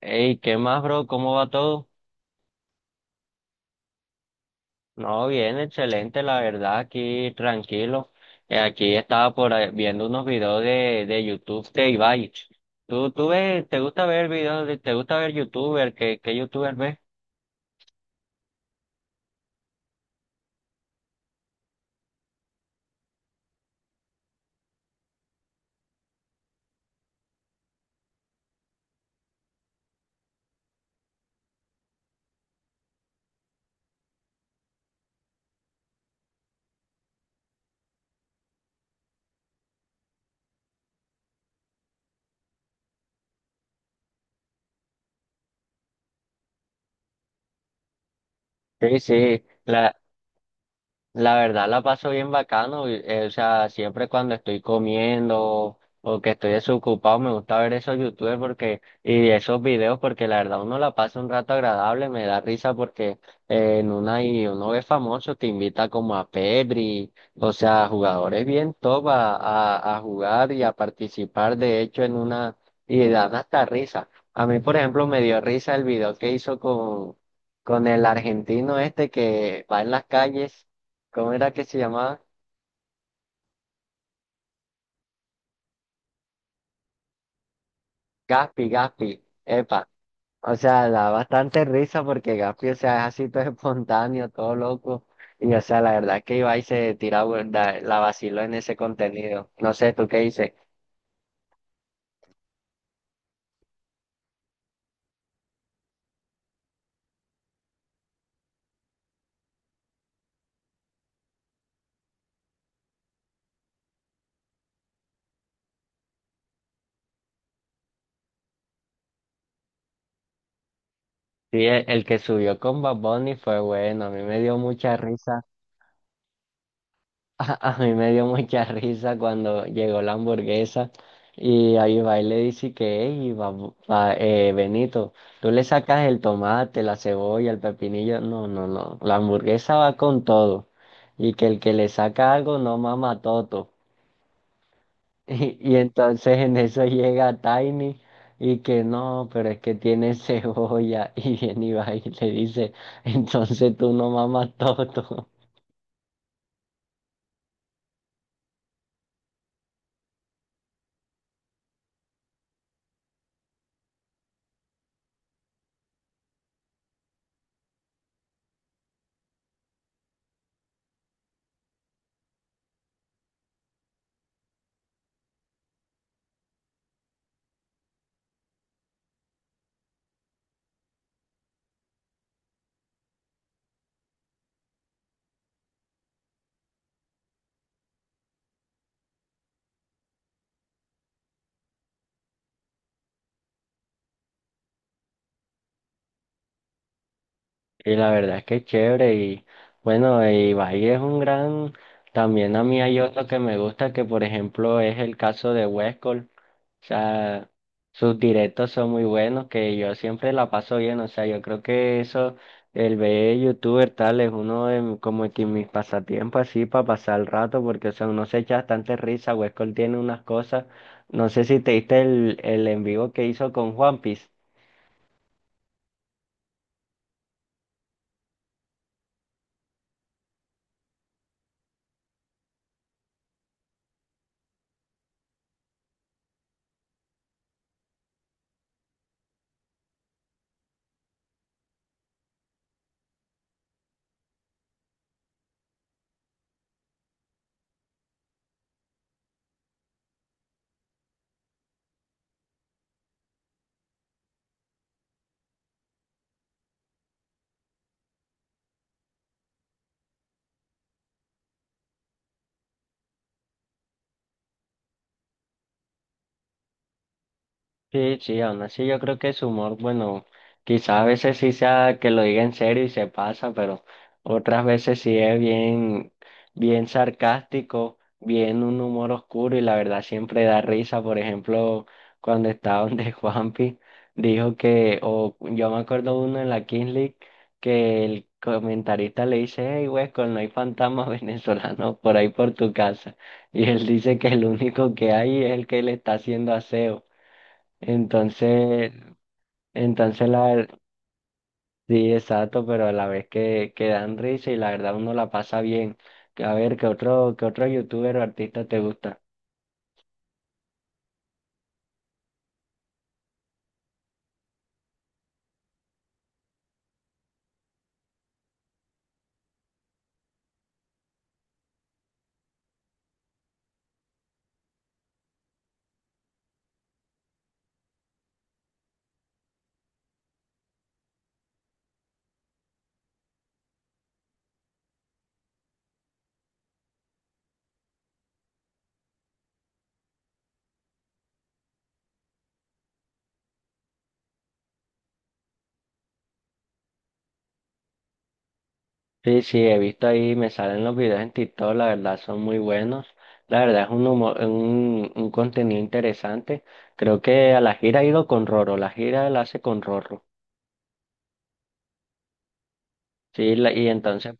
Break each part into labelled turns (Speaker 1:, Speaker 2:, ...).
Speaker 1: Hey, ¿qué más, bro? ¿Cómo va todo? No, bien, excelente, la verdad, aquí tranquilo. Aquí estaba por ahí viendo unos videos de YouTube de Ibai. ¿Tú ves, te gusta ver videos, te gusta ver YouTuber? ¿¿Qué YouTuber ves? Sí, sí, la verdad la paso bien bacano, y, o sea, siempre cuando estoy comiendo o que estoy desocupado me gusta ver esos youtubers porque, y esos videos porque la verdad uno la pasa un rato agradable, me da risa porque en una y uno ve famoso, te invita como a Pedri, o sea, jugadores bien top a jugar y a participar de hecho en una, y dan hasta risa. A mí, por ejemplo, me dio risa el video que hizo con el argentino este que va en las calles. ¿Cómo era que se llamaba? Gaspi, Gaspi, epa. O sea, da bastante risa porque Gaspi, o sea, es así todo espontáneo, todo loco. Y, o sea, la verdad que Ibai se tira, la vaciló en ese contenido. No sé, ¿tú qué dices? Sí, el que subió con Bad Bunny fue bueno, a mí me dio mucha risa. A mí me dio mucha risa cuando llegó la hamburguesa y ahí va y le dice que, hey, Benito, tú le sacas el tomate, la cebolla, el pepinillo. No, no, no. La hamburguesa va con todo. Y que el que le saca algo no mama toto. Y entonces en eso llega Tiny y que no, pero es que tiene cebolla. Y viene y va y le dice, entonces tú no mamas toto. Y la verdad es que es chévere y bueno, y Bahía es un gran, también a mí hay otro que me gusta que por ejemplo es el caso de Westcol, o sea, sus directos son muy buenos que yo siempre la paso bien, o sea, yo creo que eso, el ver youtuber tal es uno de como que mis pasatiempos así para pasar el rato porque o sea, uno se echa bastante risa, Westcol tiene unas cosas, no sé si te diste el en vivo que hizo con Juan Piece. Sí, sí, aún así yo creo que su humor, bueno, quizá a veces sí sea que lo diga en serio y se pasa, pero otras veces sí es bien, bien sarcástico, bien un humor oscuro y la verdad siempre da risa. Por ejemplo, cuando estaba donde Juanpi dijo que, o yo me acuerdo uno en la Kings League que el comentarista le dice, hey, Huesco, no hay fantasmas venezolanos por ahí por tu casa. Y él dice que el único que hay es el que le está haciendo aseo. Entonces, entonces sí, exacto, pero a la vez que dan risa y la verdad uno la pasa bien. A ver, qué otro youtuber o artista te gusta? Sí, sí, he visto ahí, me salen los videos en TikTok, la verdad son muy buenos. La verdad es un un contenido interesante. Creo que a la gira ha ido con Roro, la gira la hace con Roro. Sí, y entonces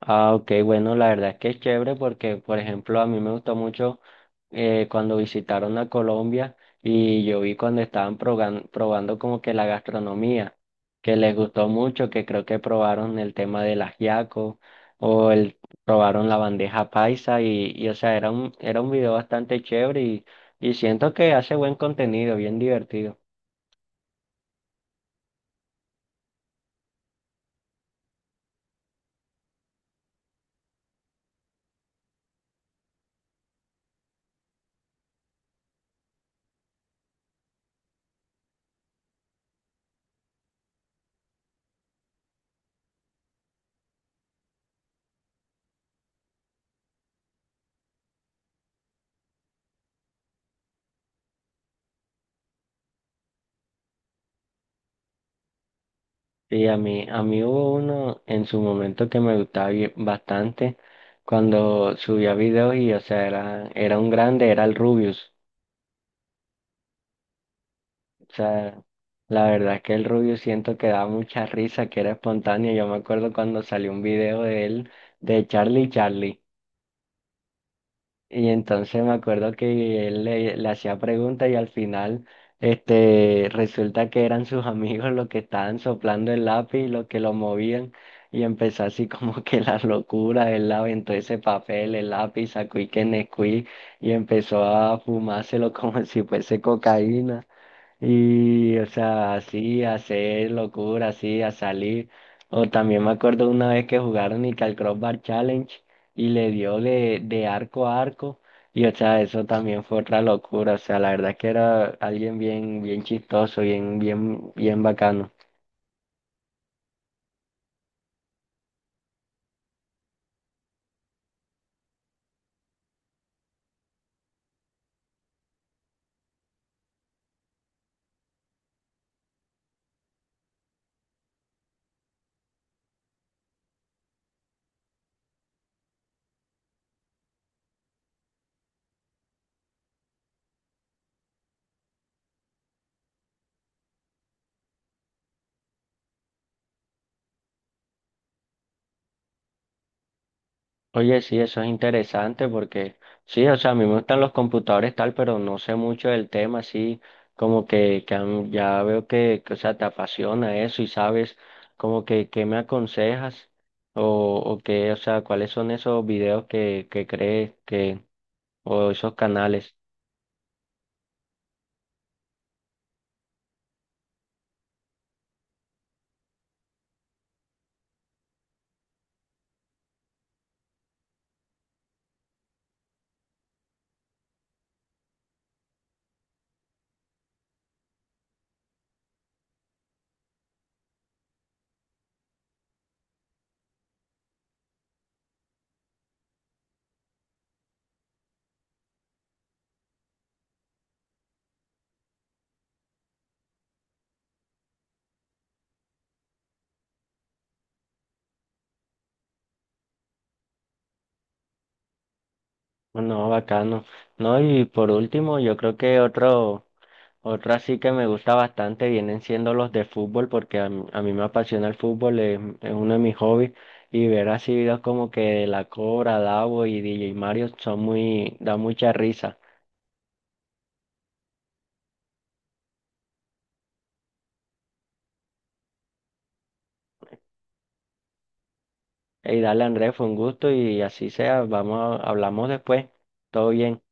Speaker 1: ah, ok, bueno, la verdad es que es chévere porque, por ejemplo, a mí me gustó mucho cuando visitaron a Colombia y yo vi cuando estaban probando como que la gastronomía, que les gustó mucho, que creo que probaron el tema del ajiaco o el, probaron la bandeja paisa y o sea, era un video bastante chévere y siento que hace buen contenido, bien divertido. Sí, a mí hubo uno en su momento que me gustaba bastante cuando subía videos y, o sea, era un grande, era el Rubius. O sea, la verdad es que el Rubius siento que daba mucha risa, que era espontáneo. Yo me acuerdo cuando salió un video de él, de Charlie Charlie. Y entonces me acuerdo que él le hacía preguntas y al final resulta que eran sus amigos los que estaban soplando el lápiz y los que lo movían. Y empezó así como que la locura, él aventó ese papel, el lápiz, sacó y que Nesquik y empezó a fumárselo como si fuese cocaína. Y, o sea, así, a hacer locura, así, a salir. O también me acuerdo una vez que jugaron y que al Crossbar Challenge y le dio de arco a arco. Y, o sea, eso también fue otra locura. O sea, la verdad es que era alguien bien, bien chistoso, bien, bien, bien bacano. Oye, sí, eso es interesante porque sí, o sea, a mí me gustan los computadores tal, pero no sé mucho del tema, así como que ya veo o sea, te apasiona eso y sabes como que qué me aconsejas o, o qué, o sea, cuáles son esos videos que crees que, o esos canales. No, bacano. No, y por último, yo creo que otro. Otra sí que me gusta bastante vienen siendo los de fútbol porque a mí me apasiona el fútbol, es uno de mis hobbies y ver así videos como que de La Cobra, Davo y DJ Mario son muy, da mucha risa. Y dale, Andrés, fue un gusto y así sea, vamos, hablamos después. Todo bien.